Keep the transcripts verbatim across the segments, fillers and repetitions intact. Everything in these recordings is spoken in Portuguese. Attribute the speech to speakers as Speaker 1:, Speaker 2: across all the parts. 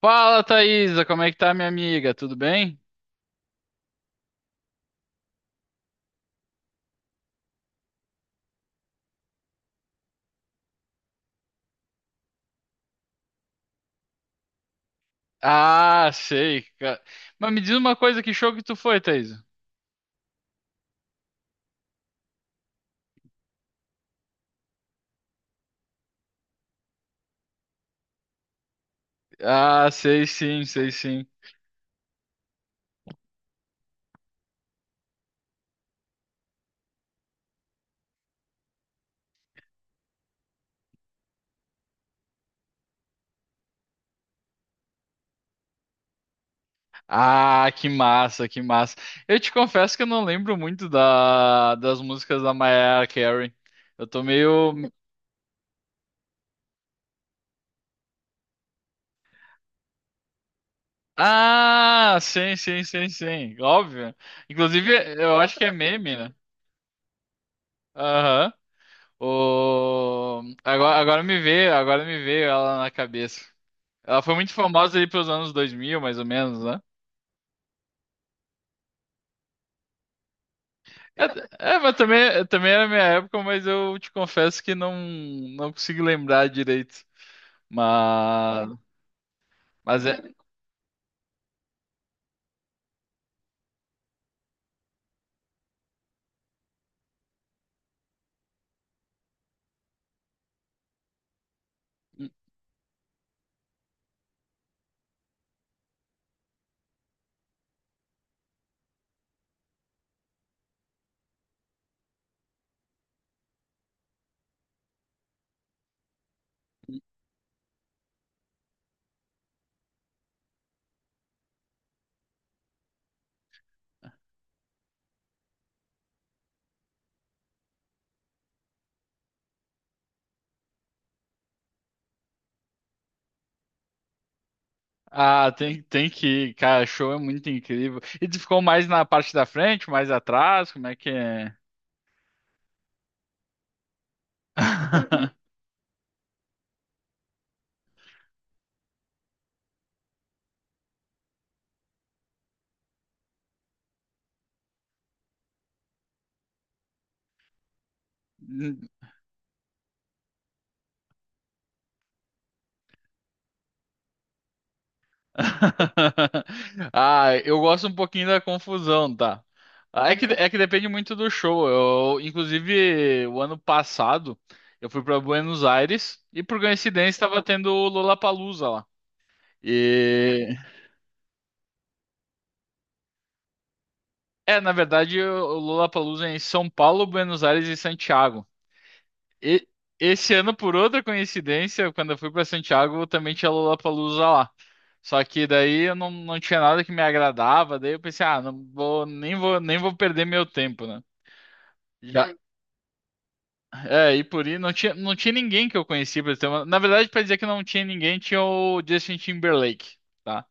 Speaker 1: Fala, Thaisa, como é que tá, minha amiga? Tudo bem? Ah, sei, cara. Mas me diz uma coisa, que show que tu foi, Thaisa? Ah, sei sim, sei sim. Ah, que massa, que massa. Eu te confesso que eu não lembro muito da, das músicas da Mariah Carey. Eu tô meio... Ah, sim, sim, sim, sim, óbvio. Inclusive, eu acho que é meme, né? Aham. O... Agora, agora me veio, agora me veio ela na cabeça. Ela foi muito famosa ali pelos anos dois mil mais ou menos, né? É, é, mas também, também era minha época, mas eu te confesso que não, não consigo lembrar direito. Mas, mas é. Ah, tem, tem que ir, cara, show é muito incrível. E tu ficou mais na parte da frente, mais atrás, como é que é? Ah, eu gosto um pouquinho da confusão, tá? Ah, é que, é que depende muito do show. Eu, inclusive, o ano passado, eu fui para Buenos Aires e, por coincidência, estava tendo o Lollapalooza lá. E é, Na verdade, o o Lollapalooza é em São Paulo, Buenos Aires e Santiago. E- Esse ano, por outra coincidência, quando eu fui para Santiago, também tinha Lollapalooza lá. Só que daí eu não, não tinha nada que me agradava, daí eu pensei, ah, não vou, nem vou, nem vou perder meu tempo, né? Já. Hum. É, e por ir, não tinha, não tinha ninguém que eu conhecia, pra ter uma... Na verdade, para dizer que não tinha ninguém, tinha o Justin Timberlake, tá?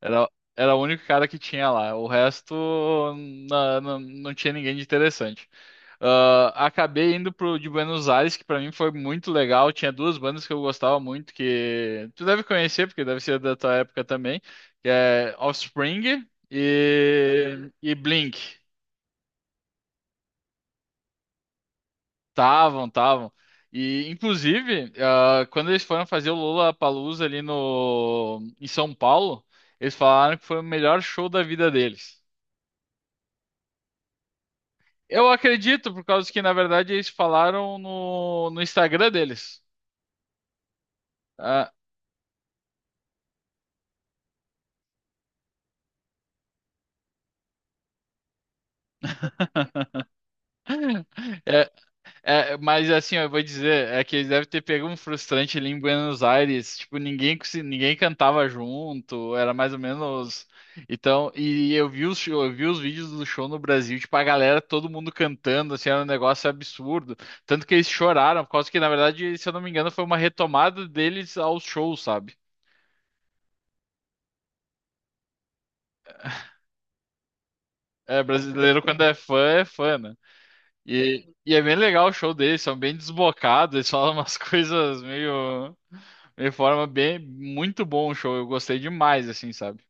Speaker 1: Era, Era o único cara que tinha lá. O resto na- na- não, tinha ninguém de interessante. Ah, acabei indo pro de Buenos Aires, que pra mim foi muito legal. Tinha duas bandas que eu gostava muito, que tu deve conhecer, porque deve ser da tua época também, que é Offspring e, e Blink. Tavam, tavam. E, inclusive, ah, quando eles foram fazer o Lollapalooza ali no, em São Paulo, eles falaram que foi o melhor show da vida deles. Eu acredito, por causa que, na verdade, eles falaram no, no Instagram deles. Ah, é, é, mas assim, ó, eu vou dizer, é que eles devem ter pego um frustrante ali em Buenos Aires. Tipo, ninguém, consi- ninguém cantava junto, era mais ou menos. Então, e eu vi os, show- eu vi os vídeos do show no Brasil, tipo, a galera, todo mundo cantando, assim, era um negócio absurdo. Tanto que eles choraram, por causa que, na verdade, se eu não me engano, foi uma retomada deles aos shows, sabe? É, brasileiro quando é fã, é fã, né? E, e é bem legal o show deles, são bem desbocados, eles falam umas coisas meio, meio forma bem, muito bom o show, eu gostei demais, assim, sabe?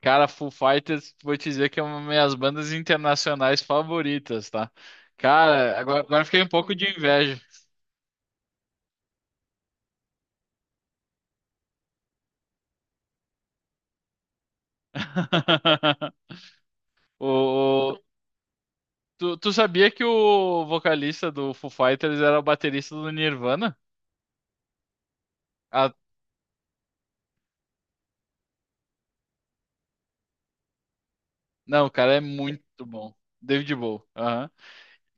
Speaker 1: Cara, Foo Fighters, vou te dizer que é uma das minhas bandas internacionais favoritas, tá? Cara, agora, agora eu fiquei um pouco de inveja. O, o- Tu, tu sabia que o vocalista do Foo Fighters era o baterista do Nirvana? Ah, não, o cara é muito bom. David Bowie.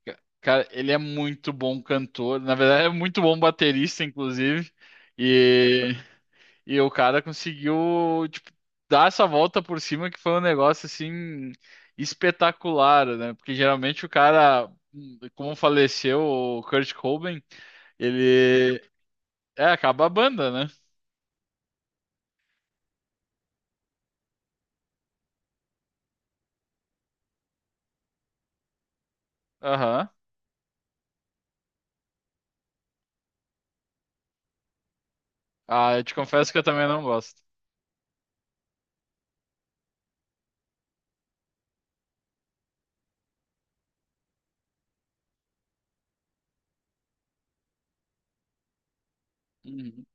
Speaker 1: Ca- Cara, ele é muito bom cantor, na verdade é muito bom baterista, inclusive, e, e o cara conseguiu, tipo, dar essa volta por cima que foi um negócio, assim, espetacular, né? Porque geralmente o cara, como faleceu o Kurt Cobain, ele, é, acaba a banda, né? Aham. Ah, eu te confesso que eu também não gosto. Uhum.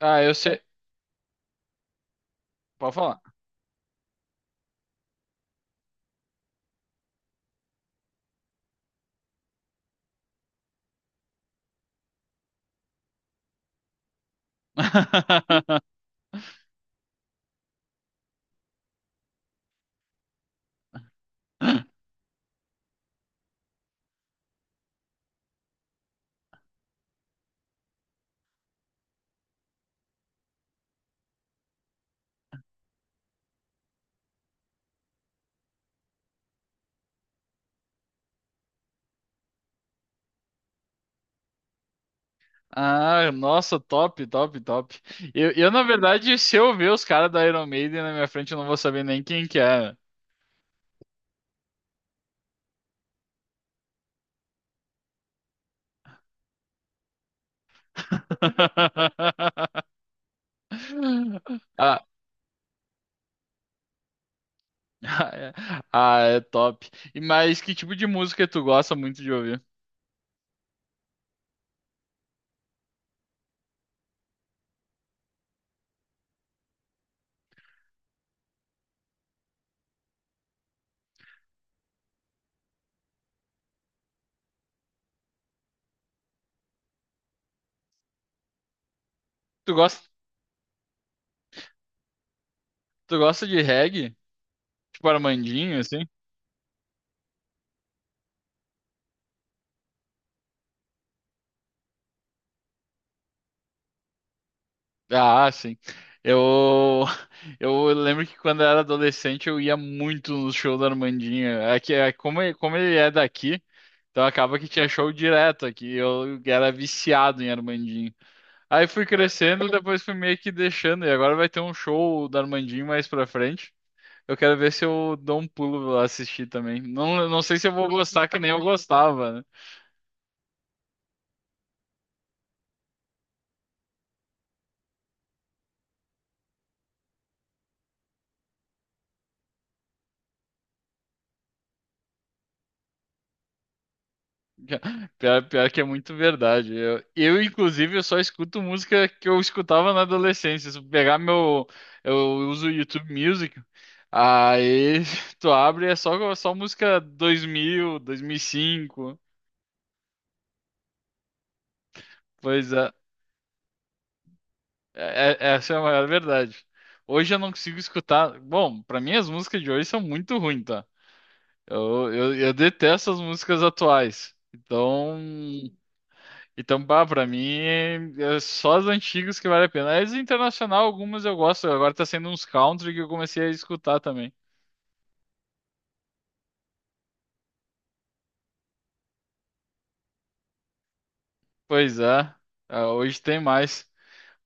Speaker 1: Ah, eu sei, pode falar. Ah, nossa, top, top, top. Eu, eu, na verdade, se eu ver os caras da Iron Maiden na minha frente, eu não vou saber nem quem que é. Ah, ah, é, ah, é top. E mas que tipo de música tu gosta muito de ouvir? Tu gosta, tu gosta de reggae? Tipo Armandinho, assim? Ah, sim. Eu, eu lembro que quando eu era adolescente eu ia muito no show da Armandinha. É que é, como, ele- como ele é daqui, então acaba que tinha show direto aqui. Eu era viciado em Armandinho. Aí fui crescendo, depois fui meio que deixando. E agora vai ter um show da Armandinho mais pra frente. Eu quero ver se eu dou um pulo lá assistir também. Não, não sei se eu vou gostar que nem eu gostava, né? Pior, pior que é muito verdade. Eu, eu, inclusive, eu só escuto música que eu escutava na adolescência. Se eu pegar meu. Eu uso o YouTube Music. Aí tu abre e é só, só música dois mil, dois mil e cinco. Pois é, é- é- essa é a maior verdade. Hoje eu não consigo escutar. Bom, pra mim as músicas de hoje são muito ruins, tá? Eu, eu, eu detesto as músicas atuais. Então. Então, bah, pra mim, é só as antigas que vale a pena. As internacional, algumas eu gosto. Agora tá sendo uns country que eu comecei a escutar também. Pois é, ah, hoje tem mais.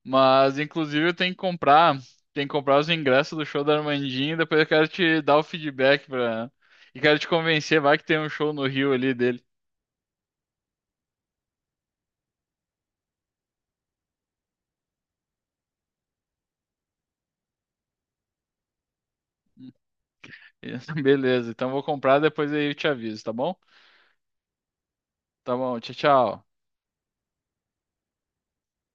Speaker 1: Mas, inclusive, eu tenho que comprar, tenho que comprar os ingressos do show da Armandinha. E depois eu quero te dar o feedback pra... E quero te convencer, vai que tem um show no Rio ali dele. Beleza, então vou comprar, depois aí eu te aviso, tá bom? Tá bom, tchau, tchau.